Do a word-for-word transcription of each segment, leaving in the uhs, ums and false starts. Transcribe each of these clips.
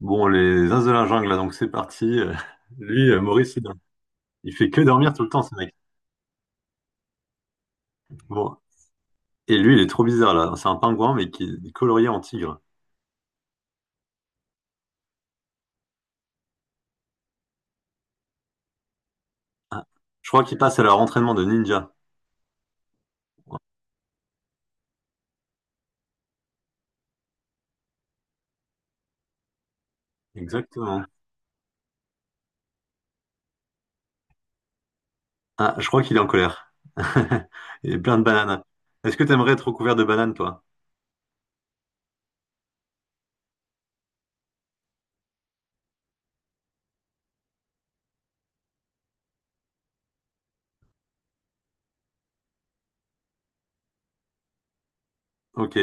Bon, les As de la jungle, là, donc c'est parti. Euh, Lui, euh, Maurice, il, il fait que dormir tout le temps, ce mec. Bon. Et lui, il est trop bizarre, là. C'est un pingouin, mais qui est colorié en tigre. Ah. Je crois qu'il passe à leur entraînement de ninja. Exactement. Ah, je crois qu'il est en colère. Et plein de bananes. Est-ce que t'aimerais être recouvert de bananes, toi? Ok.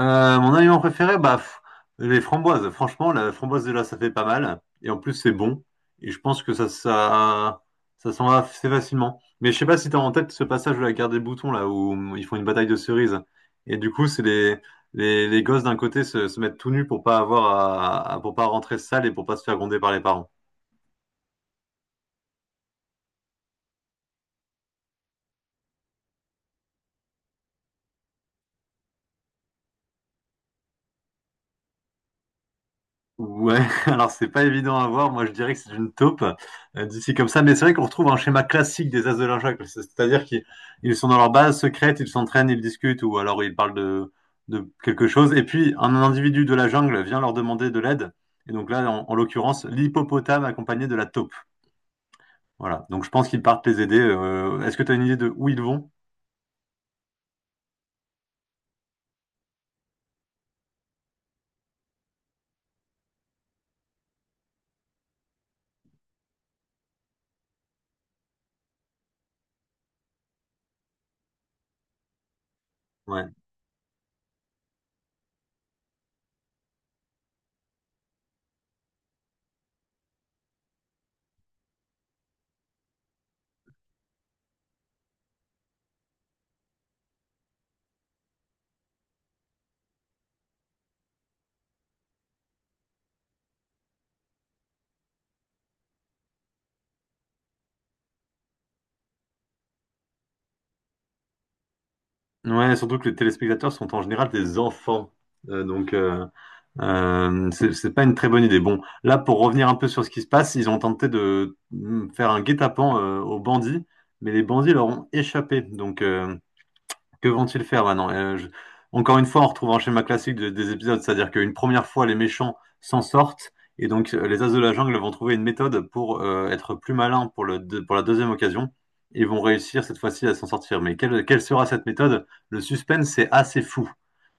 Euh, mon aliment préféré, bah, f- les framboises. Franchement, la framboise de là, ça fait pas mal. Et en plus, c'est bon. Et je pense que ça, ça, ça s'en va assez facilement. Mais je sais pas si t'as en tête ce passage de la guerre des boutons, là, où mm, ils font une bataille de cerises. Et du coup, c'est les, les, les gosses d'un côté se, se mettent tout nus pour pas avoir à, à- pour pas rentrer sale et pour pas se faire gronder par les parents. Ouais, alors c'est pas évident à voir. Moi, je dirais que c'est une taupe euh, d'ici comme ça. Mais c'est vrai qu'on retrouve un schéma classique des As de la l'Injac. C'est-à-dire qu'ils ils sont dans leur base secrète, ils s'entraînent, ils discutent ou alors ils parlent de, de quelque chose. Et puis, un individu de la jungle vient leur demander de l'aide. Et donc là, en, en l'occurrence, l'hippopotame accompagné de la taupe. Voilà. Donc je pense qu'ils partent les aider. Euh, est-ce que tu as une idée de où ils vont? Ouais. Ouais, surtout que les téléspectateurs sont en général des enfants. Euh, donc, euh, Euh, c'est c'est pas une très bonne idée. Bon, là, pour revenir un peu sur ce qui se passe, ils ont tenté de mm, faire un guet-apens euh, aux bandits, mais les bandits leur ont échappé. Donc, euh, que vont-ils faire maintenant? Euh, je- Encore une fois, on retrouve un schéma classique de- des épisodes, c'est-à-dire qu'une première fois, les méchants s'en sortent, et donc euh, les As de la jungle vont trouver une méthode pour euh, être plus malins pour le, deux- pour la deuxième occasion, et vont réussir cette fois-ci à s'en sortir. Mais quelle, quelle sera cette méthode? Le suspense c'est assez fou.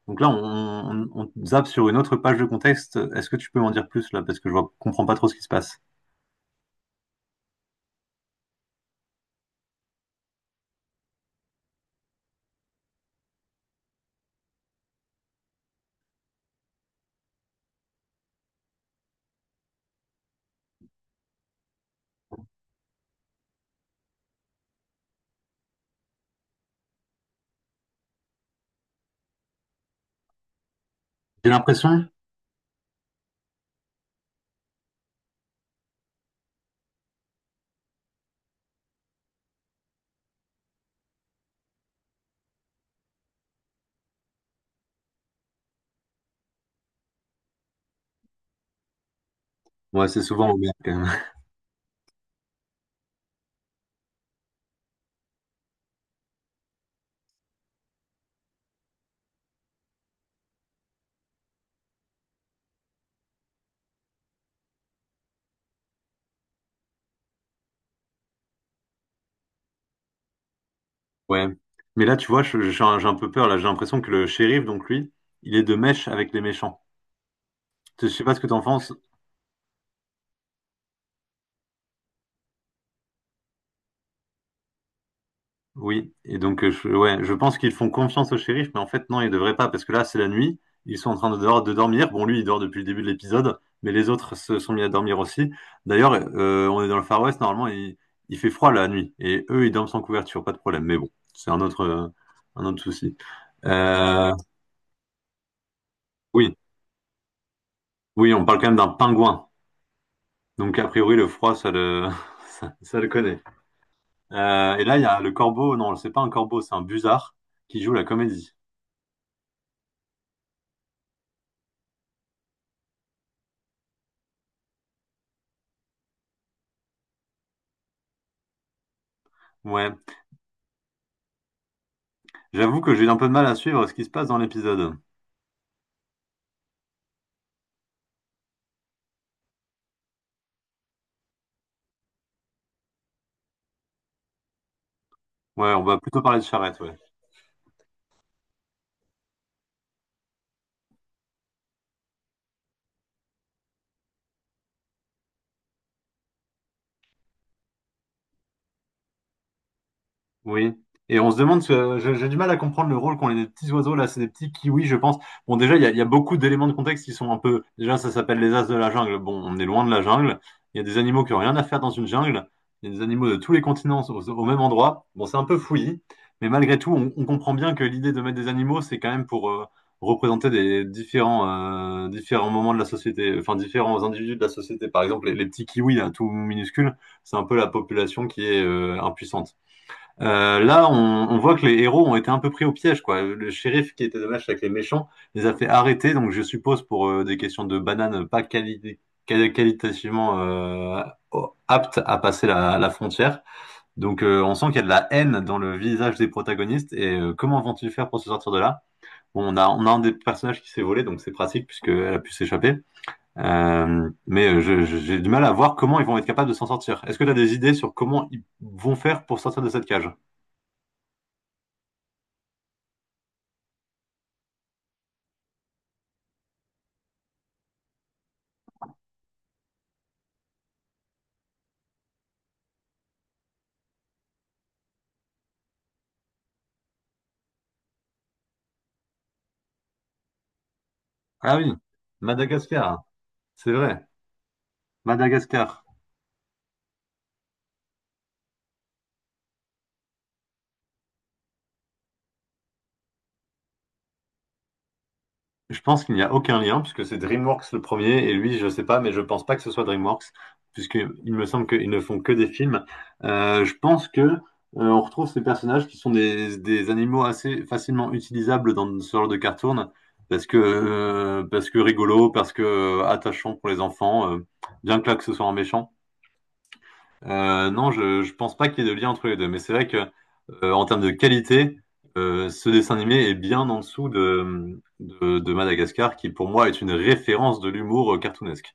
Donc là, on, on, on zappe sur une autre page de contexte. Est-ce que tu peux m'en dire plus là? Parce que je ne comprends pas trop ce qui se passe. J'ai l'impression. Ouais, c'est souvent au maire, quand même. Ouais. Mais là, tu vois, je- je- j'ai un, j'ai un peu peur. Là, j'ai l'impression que le shérif, donc lui, il est de mèche avec les méchants. Je sais pas ce que t'en penses. Oui, et donc euh, je, ouais, je pense qu'ils font confiance au shérif, mais en fait non, ils devraient pas, parce que là c'est la nuit, ils sont en train de, dehors- de dormir. Bon, lui il dort depuis le début de l'épisode, mais les autres se sont mis à dormir aussi. D'ailleurs, euh, on est dans le Far West, normalement il, il fait froid la nuit, et eux ils dorment sans couverture, pas de problème. Mais bon, c'est un autre, euh, un autre souci. Euh, oui, oui, on parle quand même d'un pingouin, donc a priori le froid ça le, ça, ça le connaît. Euh, et là il y a le corbeau, non, c'est pas un corbeau, c'est un busard qui joue la comédie. Ouais. J'avoue que j'ai eu un peu de mal à suivre ce qui se passe dans l'épisode. Ouais, on va plutôt parler de charrette, ouais. Oui. Et on se demande, ce- je- j'ai du mal à comprendre le rôle qu'ont les petits oiseaux là, c'est des petits kiwis, je pense. Bon, déjà, il y a, il y a beaucoup d'éléments de contexte qui sont un peu. Déjà, ça s'appelle les as de la jungle. Bon, on est loin de la jungle. Il y a des animaux qui ont rien à faire dans une jungle. Il y a des animaux de tous les continents au, au même endroit. Bon, c'est un peu fouillis, mais malgré tout, on, on comprend bien que l'idée de mettre des animaux, c'est quand même pour euh, représenter des différents, euh, différents moments de la société, enfin différents individus de la société. Par exemple, les, les petits kiwis, là, tout minuscules, c'est un peu la population qui est euh, impuissante. Euh, là, on, on voit que les héros ont été un peu pris au piège, quoi. Le shérif qui était de match avec les méchants les a fait arrêter, donc je suppose pour euh, des questions de bananes pas quali- quali- qualitativement euh, aptes à passer la, la frontière. Donc euh, on sent qu'il y a de la haine dans le visage des protagonistes et euh, comment vont-ils faire pour se sortir de là? Bon, on a, on a un des personnages qui s'est volé, donc c'est pratique puisqu'elle a pu s'échapper. Euh, mais euh, je- je- j'ai du mal à voir comment ils vont être capables de s'en sortir. Est-ce que tu as des idées sur comment ils vont faire pour sortir de cette cage? Ah oui, Madagascar, hein. C'est vrai. Madagascar. Je pense qu'il n'y a aucun lien, puisque c'est DreamWorks le premier, et lui, je sais pas, mais je pense pas que ce soit DreamWorks, puisqu'il me semble qu'ils ne font que des films. Euh, je pense que euh, on retrouve ces personnages qui sont des, des animaux assez facilement utilisables dans ce genre de cartoon, parce que, euh, parce que rigolo, parce que euh, attachant pour les enfants, euh, bien que là que ce soit un méchant. Euh, non, je, je pense pas qu'il y ait de lien entre les deux, mais c'est vrai que euh, en termes de qualité, euh, ce dessin animé est bien en dessous de, de, de Madagascar, qui pour moi est une référence de l'humour euh, cartoonesque.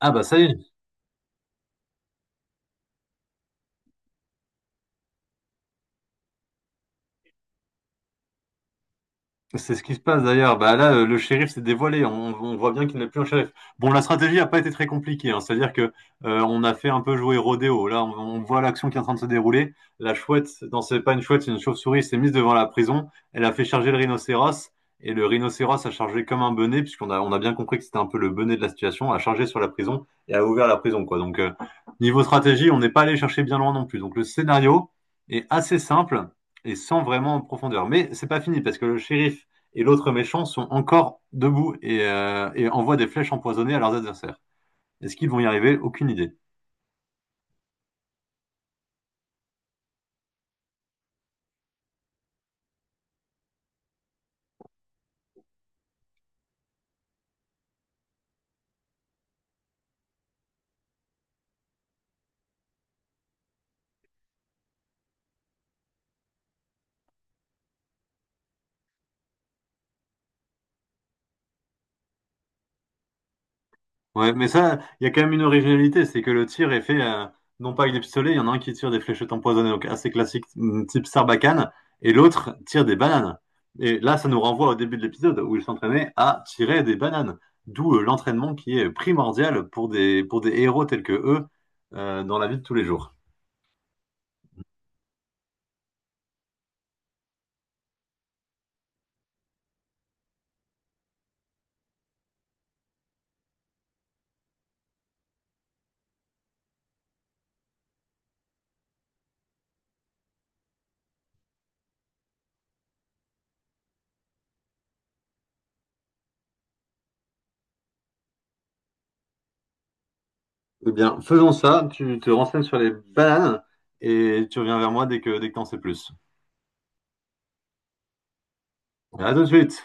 Ah bah ça y est. C'est ce qui se passe d'ailleurs. Bah là, euh, le shérif s'est dévoilé. On, on voit bien qu'il n'est plus un shérif. Bon, la stratégie n'a pas été très compliquée, hein. C'est-à-dire que euh, on a fait un peu jouer rodéo. Là, on, on voit l'action qui est en train de se dérouler. La chouette, non, c'est pas une chouette, c'est une chauve-souris, s'est mise devant la prison. Elle a fait charger le rhinocéros et le rhinocéros a chargé comme un benet, puisqu'on a, on a bien compris que c'était un peu le benet de la situation, a chargé sur la prison et a ouvert la prison, quoi. Donc euh, niveau stratégie, on n'est pas allé chercher bien loin non plus. Donc le scénario est assez simple et sans vraiment en profondeur. Mais c'est pas fini parce que le shérif et l'autre méchant sont encore debout et, euh, et envoient des flèches empoisonnées à leurs adversaires. Est-ce qu'ils vont y arriver? Aucune idée. Ouais, mais ça, il y a quand même une originalité, c'est que le tir est fait euh, non pas avec des pistolets, il y en a un qui tire des fléchettes empoisonnées, donc assez classique, mm, type Sarbacane, et l'autre tire des bananes. Et là, ça nous renvoie au début de l'épisode où ils s'entraînaient à tirer des bananes, d'où euh, l'entraînement qui est primordial pour des, pour des héros tels que eux euh, dans la vie de tous les jours. Eh bien, faisons ça. Tu te renseignes sur les bananes et tu reviens vers moi dès que, dès que t'en sais plus. À tout de suite.